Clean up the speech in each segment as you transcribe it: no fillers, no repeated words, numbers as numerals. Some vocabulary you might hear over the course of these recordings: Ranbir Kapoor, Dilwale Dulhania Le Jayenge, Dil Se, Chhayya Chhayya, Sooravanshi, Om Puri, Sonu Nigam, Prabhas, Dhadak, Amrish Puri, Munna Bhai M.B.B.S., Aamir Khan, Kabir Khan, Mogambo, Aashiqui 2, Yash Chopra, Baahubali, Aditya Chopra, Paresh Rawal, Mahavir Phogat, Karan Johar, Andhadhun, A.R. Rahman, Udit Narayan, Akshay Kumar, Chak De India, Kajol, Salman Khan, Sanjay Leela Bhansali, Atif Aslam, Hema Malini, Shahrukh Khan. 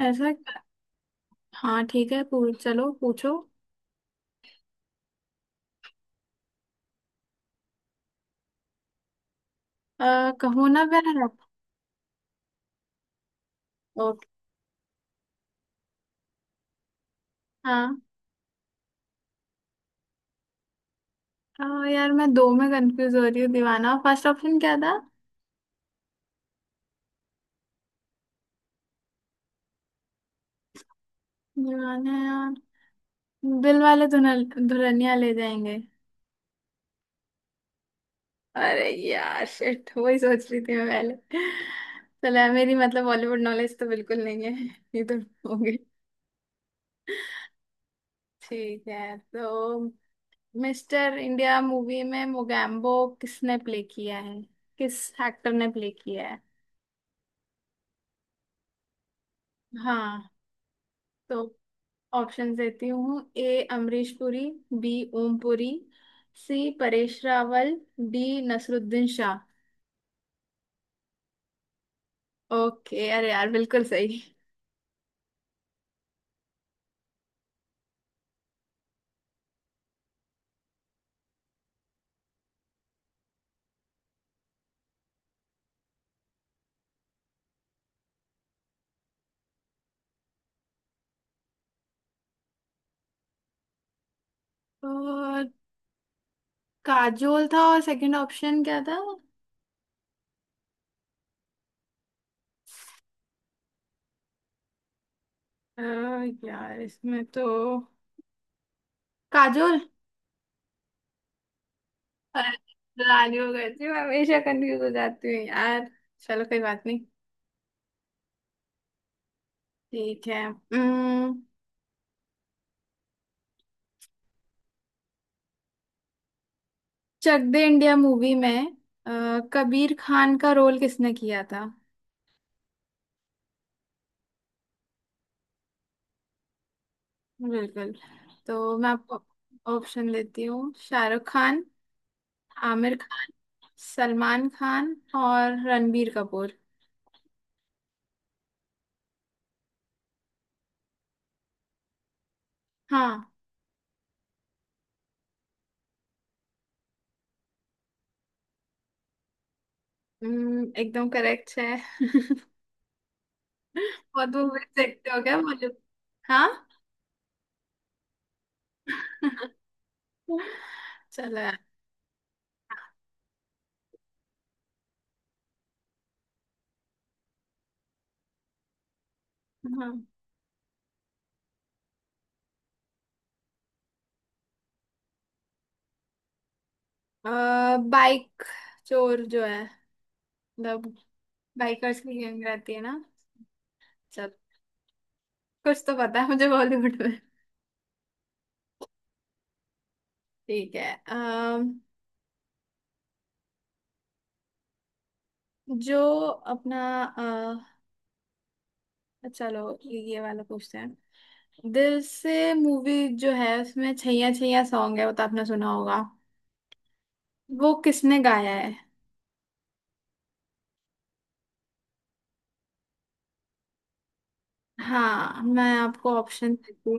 ऐसा। हाँ, ठीक है। पूछ, चलो पूछो। कहो ना प्यार आप। ओके। हाँ। यार, मैं दो में कंफ्यूज हो रही हूँ। दीवाना? फर्स्ट ऑप्शन क्या था? दीवाना यार। दिल वाले दुल्हनिया ले जाएंगे। अरे यार, शिट, वही सोच रही थी मैं पहले। चलो यार, मेरी मतलब बॉलीवुड नॉलेज तो बिल्कुल नहीं है। ये तो हो गई। ठीक है, तो मिस्टर इंडिया मूवी में मोगैम्बो किसने प्ले किया है? किस एक्टर ने प्ले किया है? हाँ, तो ऑप्शन देती हूँ। A Amrish Puri, B Om Puri, C Paresh Rawal, D Naseeruddin Shah. Okay, अरे यार, बिल्कुल सही। तो काजोल था। और सेकंड ऑप्शन क्या था? अ, यार, इसमें तो काजोल। अरे, रानी हो गई थी। मैं हमेशा कंफ्यूज हो जाती हूँ यार। चलो, कोई बात नहीं। ठीक है। चक दे इंडिया मूवी में कबीर खान का रोल किसने किया था? बिल्कुल। तो मैं आपको ऑप्शन देती हूँ। शाहरुख खान, आमिर खान, सलमान खान और रणबीर कपूर। हाँ। एकदम करेक्ट है। बहुत दूर देखते हो क्या, बॉलीवुड? हाँ। चलो यार। हाँ, बाइक चोर जो है। मतलब, बाइकर्स की गैंग रहती है ना। चल, कुछ तो पता है मुझे बॉलीवुड में। ठीक है। जो अपना चलो, ये वाला पूछते हैं। दिल से मूवी जो है उसमें छैया छैया सॉन्ग है, वो तो आपने सुना होगा। वो किसने गाया है? हाँ, मैं आपको ऑप्शन देती हूँ।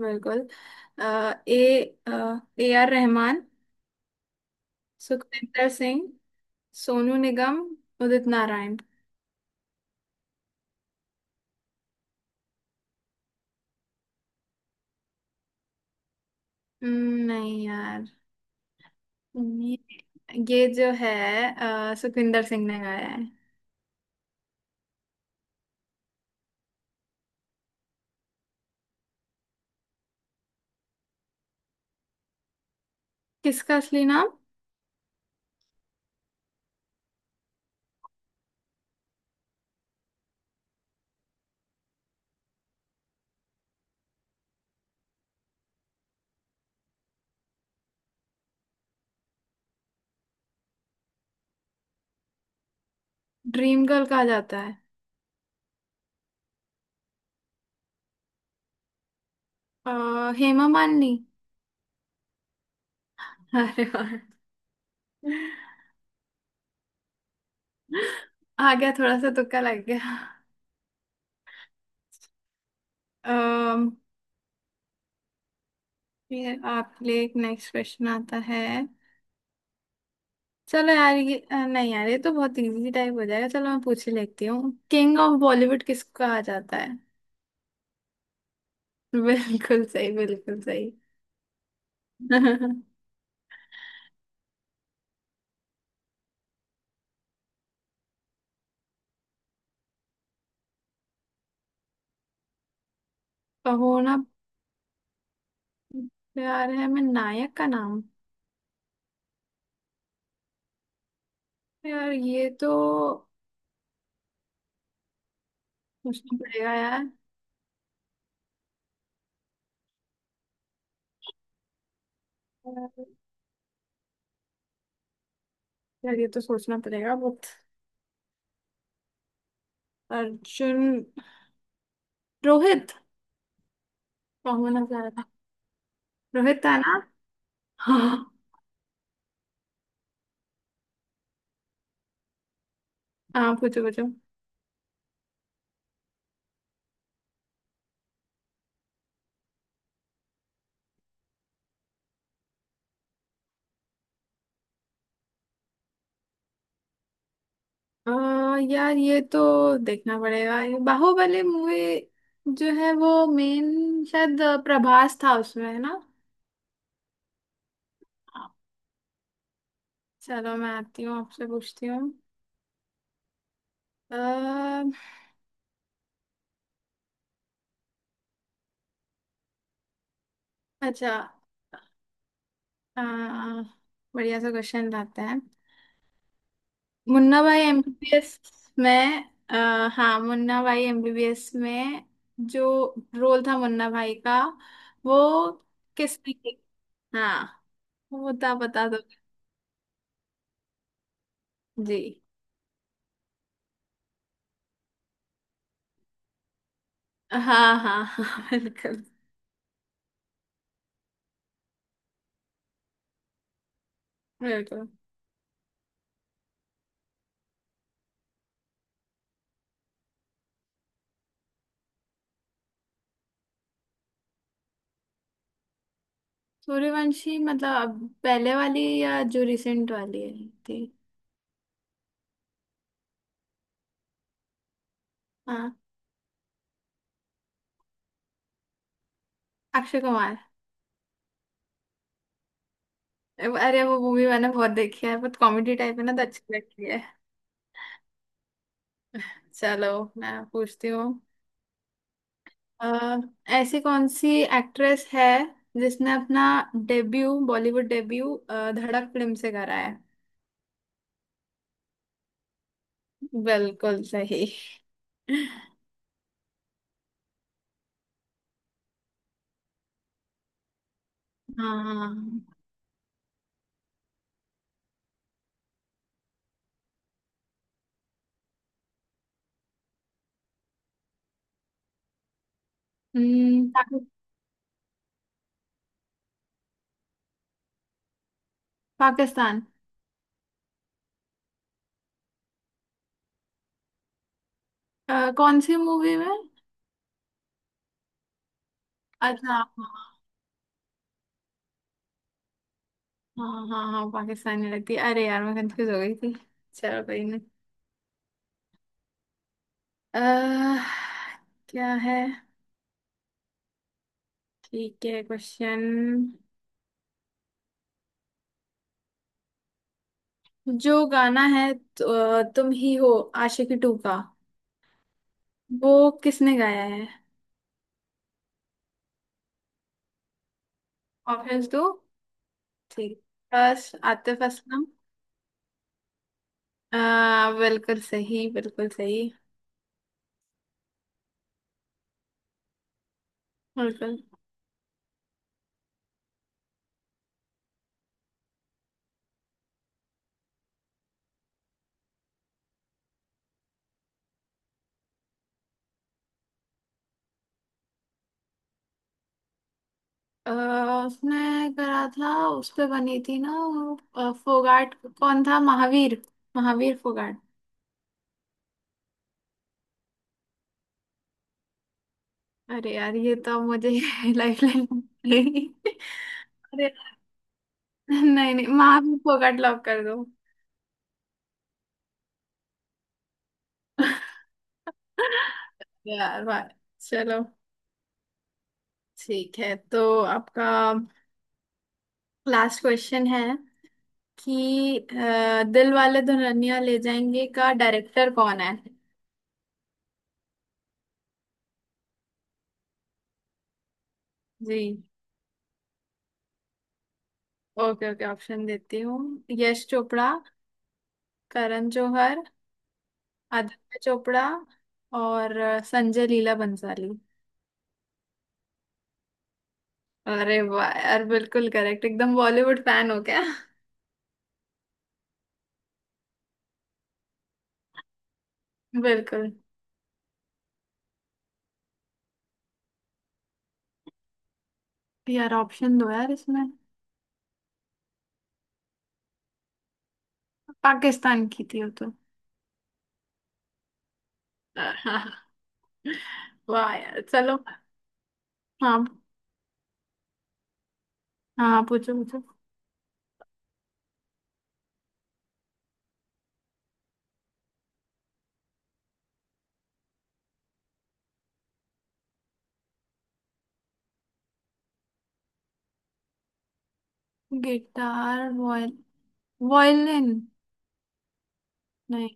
बिल्कुल। अ, ए ए आर रहमान, सुखविंदर सिंह, सोनू निगम, उदित नारायण। नहीं यार, ये ये जो है सुखविंदर सिंह ने गाया है। किसका असली नाम? ड्रीम गर्ल कहा जाता है? हेमा मालिनी। अरे वाह। आ गया, थोड़ा सा तुक्का लग गया। अम्म फिर आपके लिए एक नेक्स्ट क्वेश्चन आता है। चलो यार, नहीं यार, ये तो बहुत इजी टाइप हो जाएगा। चलो, मैं पूछ ही लेती हूँ। किंग ऑफ बॉलीवुड किसको कहा जाता है? बिल्कुल सही, बिल्कुल सही। कहो ना प्यार है, मैं नायक का नाम। यार, ये तो सोचना पड़ेगा यार। अ, यार, ये तो सोचना पड़ेगा बहुत। अर्जुन, रोहित। कहो ना प्यार था। रोहित था ना? हाँ, पूछो पूछो। यार, ये तो देखना पड़ेगा। ये बाहुबली मूवी जो है वो मेन शायद प्रभास था उसमें, है ना? चलो, मैं आती हूँ आपसे पूछती हूँ। अ, अच्छा। अ, बढ़िया सा क्वेश्चन लाते हैं। मुन्ना भाई एमबीबीएस में। अ, हाँ, मुन्ना भाई एमबीबीएस में जो रोल था मुन्ना भाई का वो किसने किया? हाँ, वो बता बता दो। जी। हाँ, हाँ, हाँ, बिल्कुल। बिल्कुल। सूर्यवंशी मतलब, अब पहले वाली या जो रिसेंट वाली है थी? हाँ। अक्षय कुमार। अरे, वो मूवी मैंने बहुत देखी है, बहुत कॉमेडी टाइप है ना, तो अच्छी लगती है। चलो, मैं पूछती हूँ। अ, ऐसी कौन सी एक्ट्रेस है जिसने अपना debut Bollywood debut Dhadak film से करा है? बिल्कुल सही। हाँ हाँ। हम्म, पाकि- पाकिस्तान। कौन सी मूवी में? अच्छा, हाँ। हाँ, हाँ, हाँ, पाकिस्तानी लगती है। अरे यार, मैं कंफ्यूज हो गई थी। चलो, कोई नहीं। अह क्या है? ठीक है, क्वेश्चन। जो गाना है तो, तुम ही हो आशिकी टू का। वो किसने गाया है? ऑप्शंस दो। ठीक। बस, आतिफ असलम। अह बिल्कुल सही, बिल्कुल सही। बिल्कुल। अह उसने करा था, उस पे बनी थी ना वो, फोगाट कौन था? महावीर? महावीर फोगाट। अरे यार, ये तो अब मुझे लाइफ लाइन मिलेगी। अरे, नहीं नहीं, माँ भी फोकट लॉक कर दो। यार वाह, चलो। ठीक है, तो आपका लास्ट क्वेश्चन है कि दिल वाले दुल्हनिया ले जाएंगे का डायरेक्टर कौन है? जी। ओके ओके, ऑप्शन देती हूँ। यश चोपड़ा, करण जौहर, आदित्य चोपड़ा और संजय लीला बंसाली। अरे वाह यार, बिल्कुल करेक्ट। एकदम बॉलीवुड फैन हो क्या? बिल्कुल। यार, ऑप्शन दो यार इसमें। पाकिस्तान की थी वो तो। वाह यार, चलो। हाँ। हाँ, पूछो पूछो। Guitar, violin. नहीं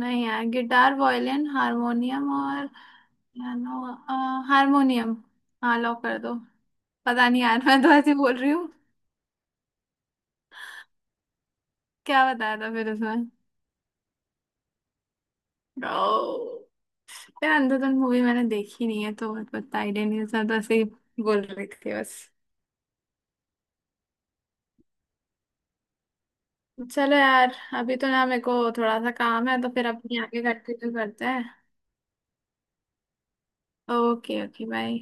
नहीं यार, गिटार, वॉयलिन, हारमोनियम और पियानो। हारमोनियम। हाँ, लॉक कर दो। पता नहीं यार, मैं तो ऐसे बोल रही हूँ। क्या बताया था फिर उसमें? ओ, यार, अंधाधुन मूवी मैंने देखी नहीं है तो बहुत पता आइडिया नहीं था, तो ऐसे ही बोल रही थी बस। चलो यार, अभी तो ना मेरे को थोड़ा सा काम है, तो फिर अपनी आगे कंटिन्यू करते हैं। Okay okay, bye.